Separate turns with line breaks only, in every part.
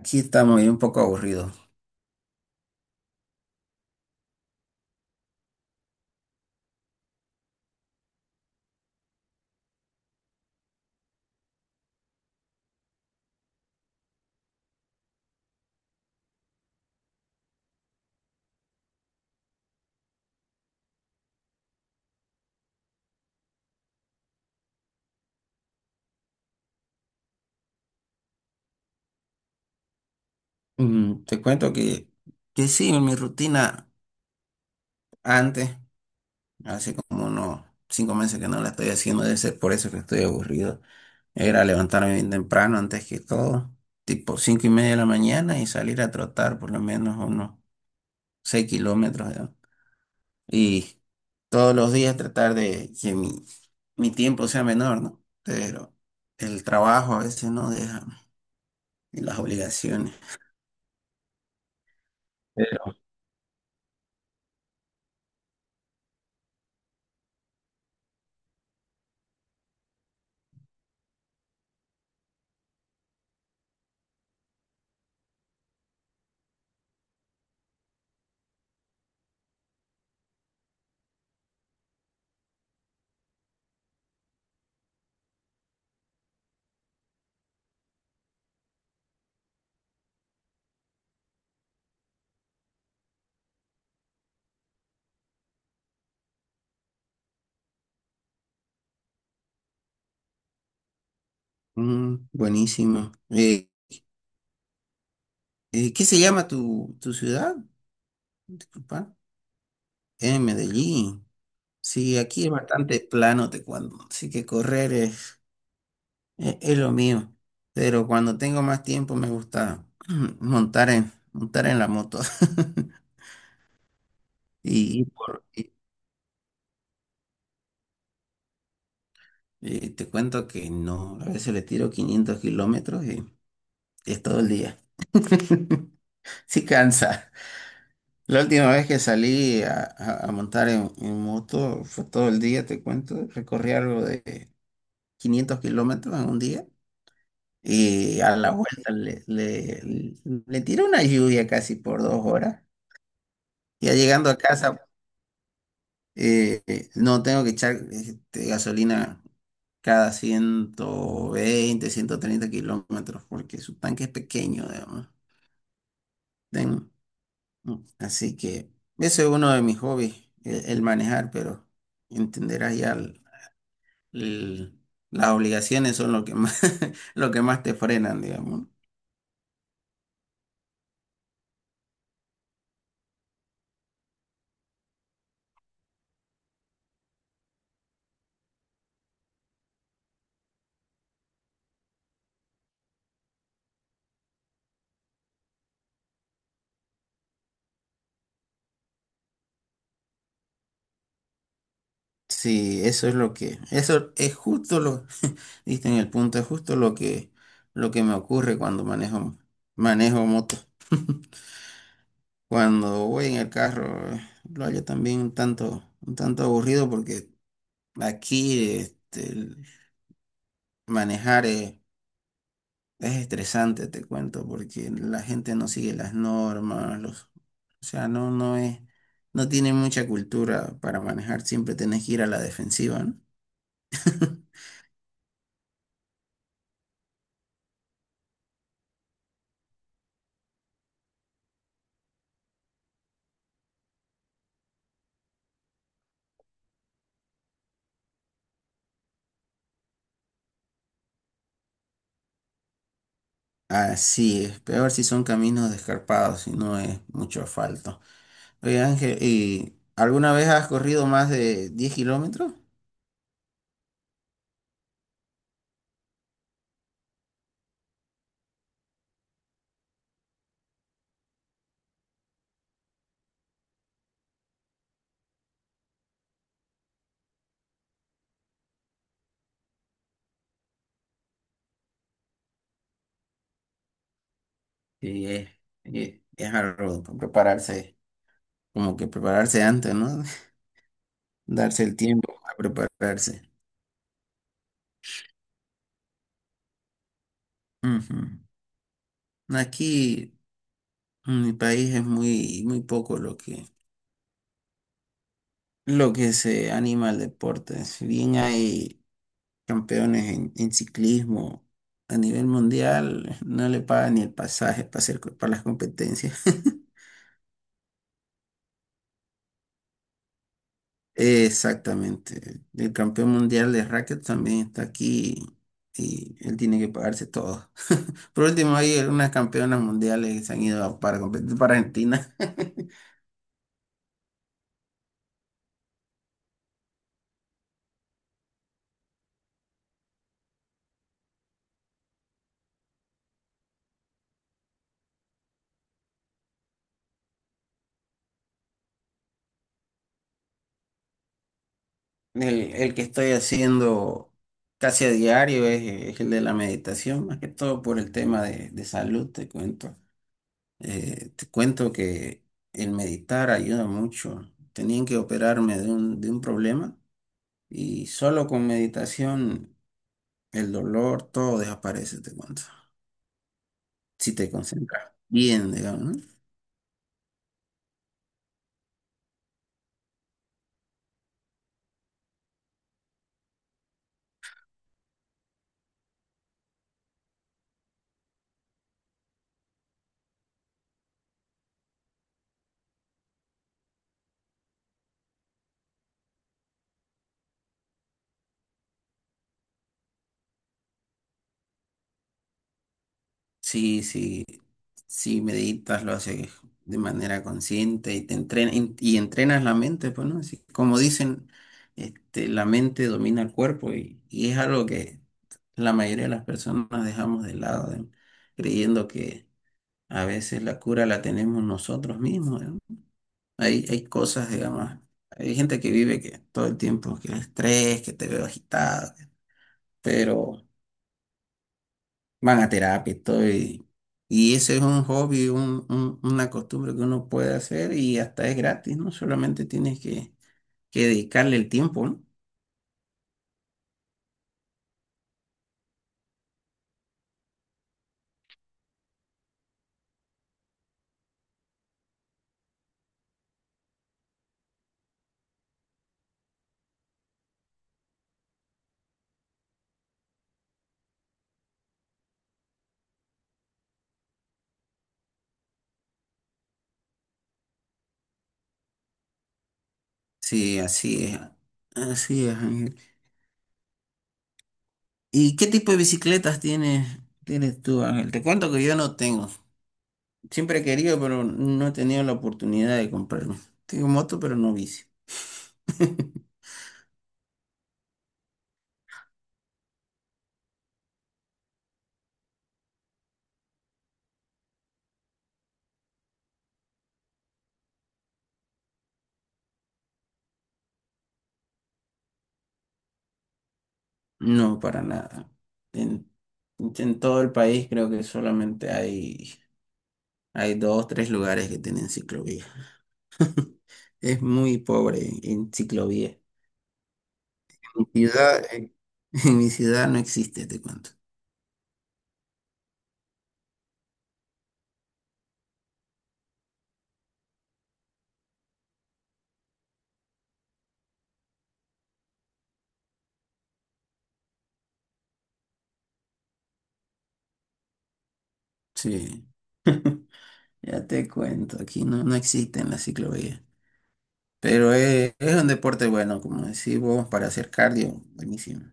Aquí estamos y un poco aburridos. Te cuento que sí, en mi rutina antes, hace como unos 5 meses que no la estoy haciendo. Debe ser por eso que estoy aburrido. Era levantarme bien temprano antes que todo, tipo 5:30 de la mañana y salir a trotar por lo menos unos 6 kilómetros, ¿no? Y todos los días tratar de que mi tiempo sea menor, ¿no? Pero el trabajo a veces no deja y las obligaciones. Mm, buenísimo. ¿Qué se llama tu ciudad? Disculpa. En Medellín. Sí, aquí es bastante plano, te cuento. Así que correr es lo mío. Pero cuando tengo más tiempo me gusta montar en la moto. Y, y por, y- y te cuento que no, a veces le tiro 500 kilómetros y es todo el día. Sí cansa. La última vez que salí a montar en moto fue todo el día, te cuento. Recorrí algo de 500 kilómetros en un día, y a la vuelta le tiré una lluvia casi por 2 horas. Ya llegando a casa, no tengo que echar este, gasolina cada 120, 130 kilómetros, porque su tanque es pequeño, digamos, ¿no? Así que ese es uno de mis hobbies, el manejar. Pero entenderás ya el- las obligaciones son lo que más, lo que más te frenan, digamos, ¿no? Sí, eso es justo lo, diste en el punto. Es justo lo que me ocurre cuando manejo moto. Cuando voy en el carro, lo hallo también un tanto aburrido, porque aquí, este, el manejar es estresante, te cuento, porque la gente no sigue las normas, o sea, no, no es, no tiene mucha cultura para manejar. Siempre tenés que ir a la defensiva, ¿no? Así es, peor si son caminos descarpados, si no es mucho asfalto. Oye, Ángel, ¿y alguna vez has corrido más de 10 kilómetros? Sí, es algo, como que prepararse antes, ¿no? Darse el tiempo a prepararse. Ujú. Aquí. En mi país es muy, muy poco lo que se anima al deporte. Si bien hay campeones en ciclismo a nivel mundial, no le pagan ni el pasaje para para las competencias. Exactamente. El campeón mundial de racket también está aquí y él tiene que pagarse todo. Por último, hay algunas campeonas mundiales que se han ido para competir para Argentina. El que estoy haciendo casi a diario es el de la meditación, más que todo por el tema de salud, te cuento. Te cuento que el meditar ayuda mucho. Tenían que operarme de un problema y solo con meditación el dolor, todo desaparece, te cuento. Si te concentras bien, digamos, ¿no? Sí, sí, sí, meditas, lo haces de manera consciente y te entrena, y entrenas la mente, pues, ¿no? Así como dicen, este, la mente domina el cuerpo, y es algo que la mayoría de las personas dejamos de lado, ¿eh? Creyendo que a veces la cura la tenemos nosotros mismos, ¿eh? Hay cosas, digamos, hay gente que vive que todo el tiempo, que el estrés, que te veo agitado, pero... van a terapia y todo. Y ese es un hobby, una costumbre que uno puede hacer, y hasta es gratis, ¿no? Solamente tienes que dedicarle el tiempo, ¿no? Sí, así es. Así es, Ángel. ¿Y qué tipo de bicicletas tienes tú, Ángel? Te cuento que yo no tengo. Siempre he querido, pero no he tenido la oportunidad de comprarme. Tengo moto, pero no bici. No, para nada. En, en todo el país creo que solamente hay dos, tres lugares que tienen ciclovía. Es muy pobre en ciclovía. En mi ciudad, en mi ciudad no existe, te cuento. Sí. Ya te cuento, aquí no, no existen las ciclovías. Pero es un deporte bueno, como decís vos, para hacer cardio, buenísimo.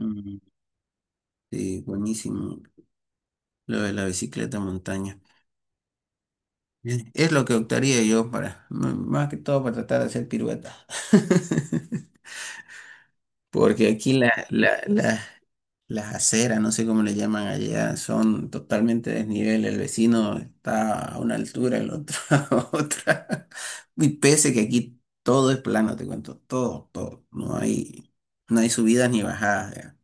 Mm, sí, buenísimo lo de la bicicleta de montaña. Bien. Es lo que optaría yo para, más que todo para tratar de hacer piruetas. Porque aquí las aceras, no sé cómo le llaman allá, son totalmente desnivel. El vecino está a una altura, el otro a otra. Y pese que aquí todo es plano, te cuento, todo, todo. No hay subidas ni bajadas. Ya.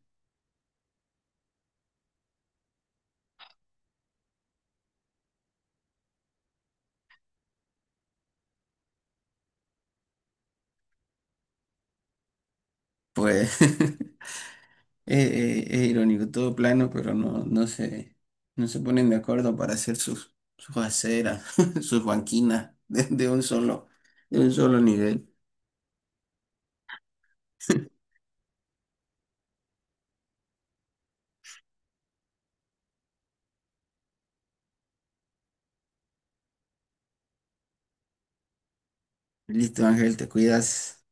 Pues es irónico, todo plano, pero no se ponen de acuerdo para hacer sus aceras, sus banquinas de un solo nivel. Listo, Ángel, te cuidas.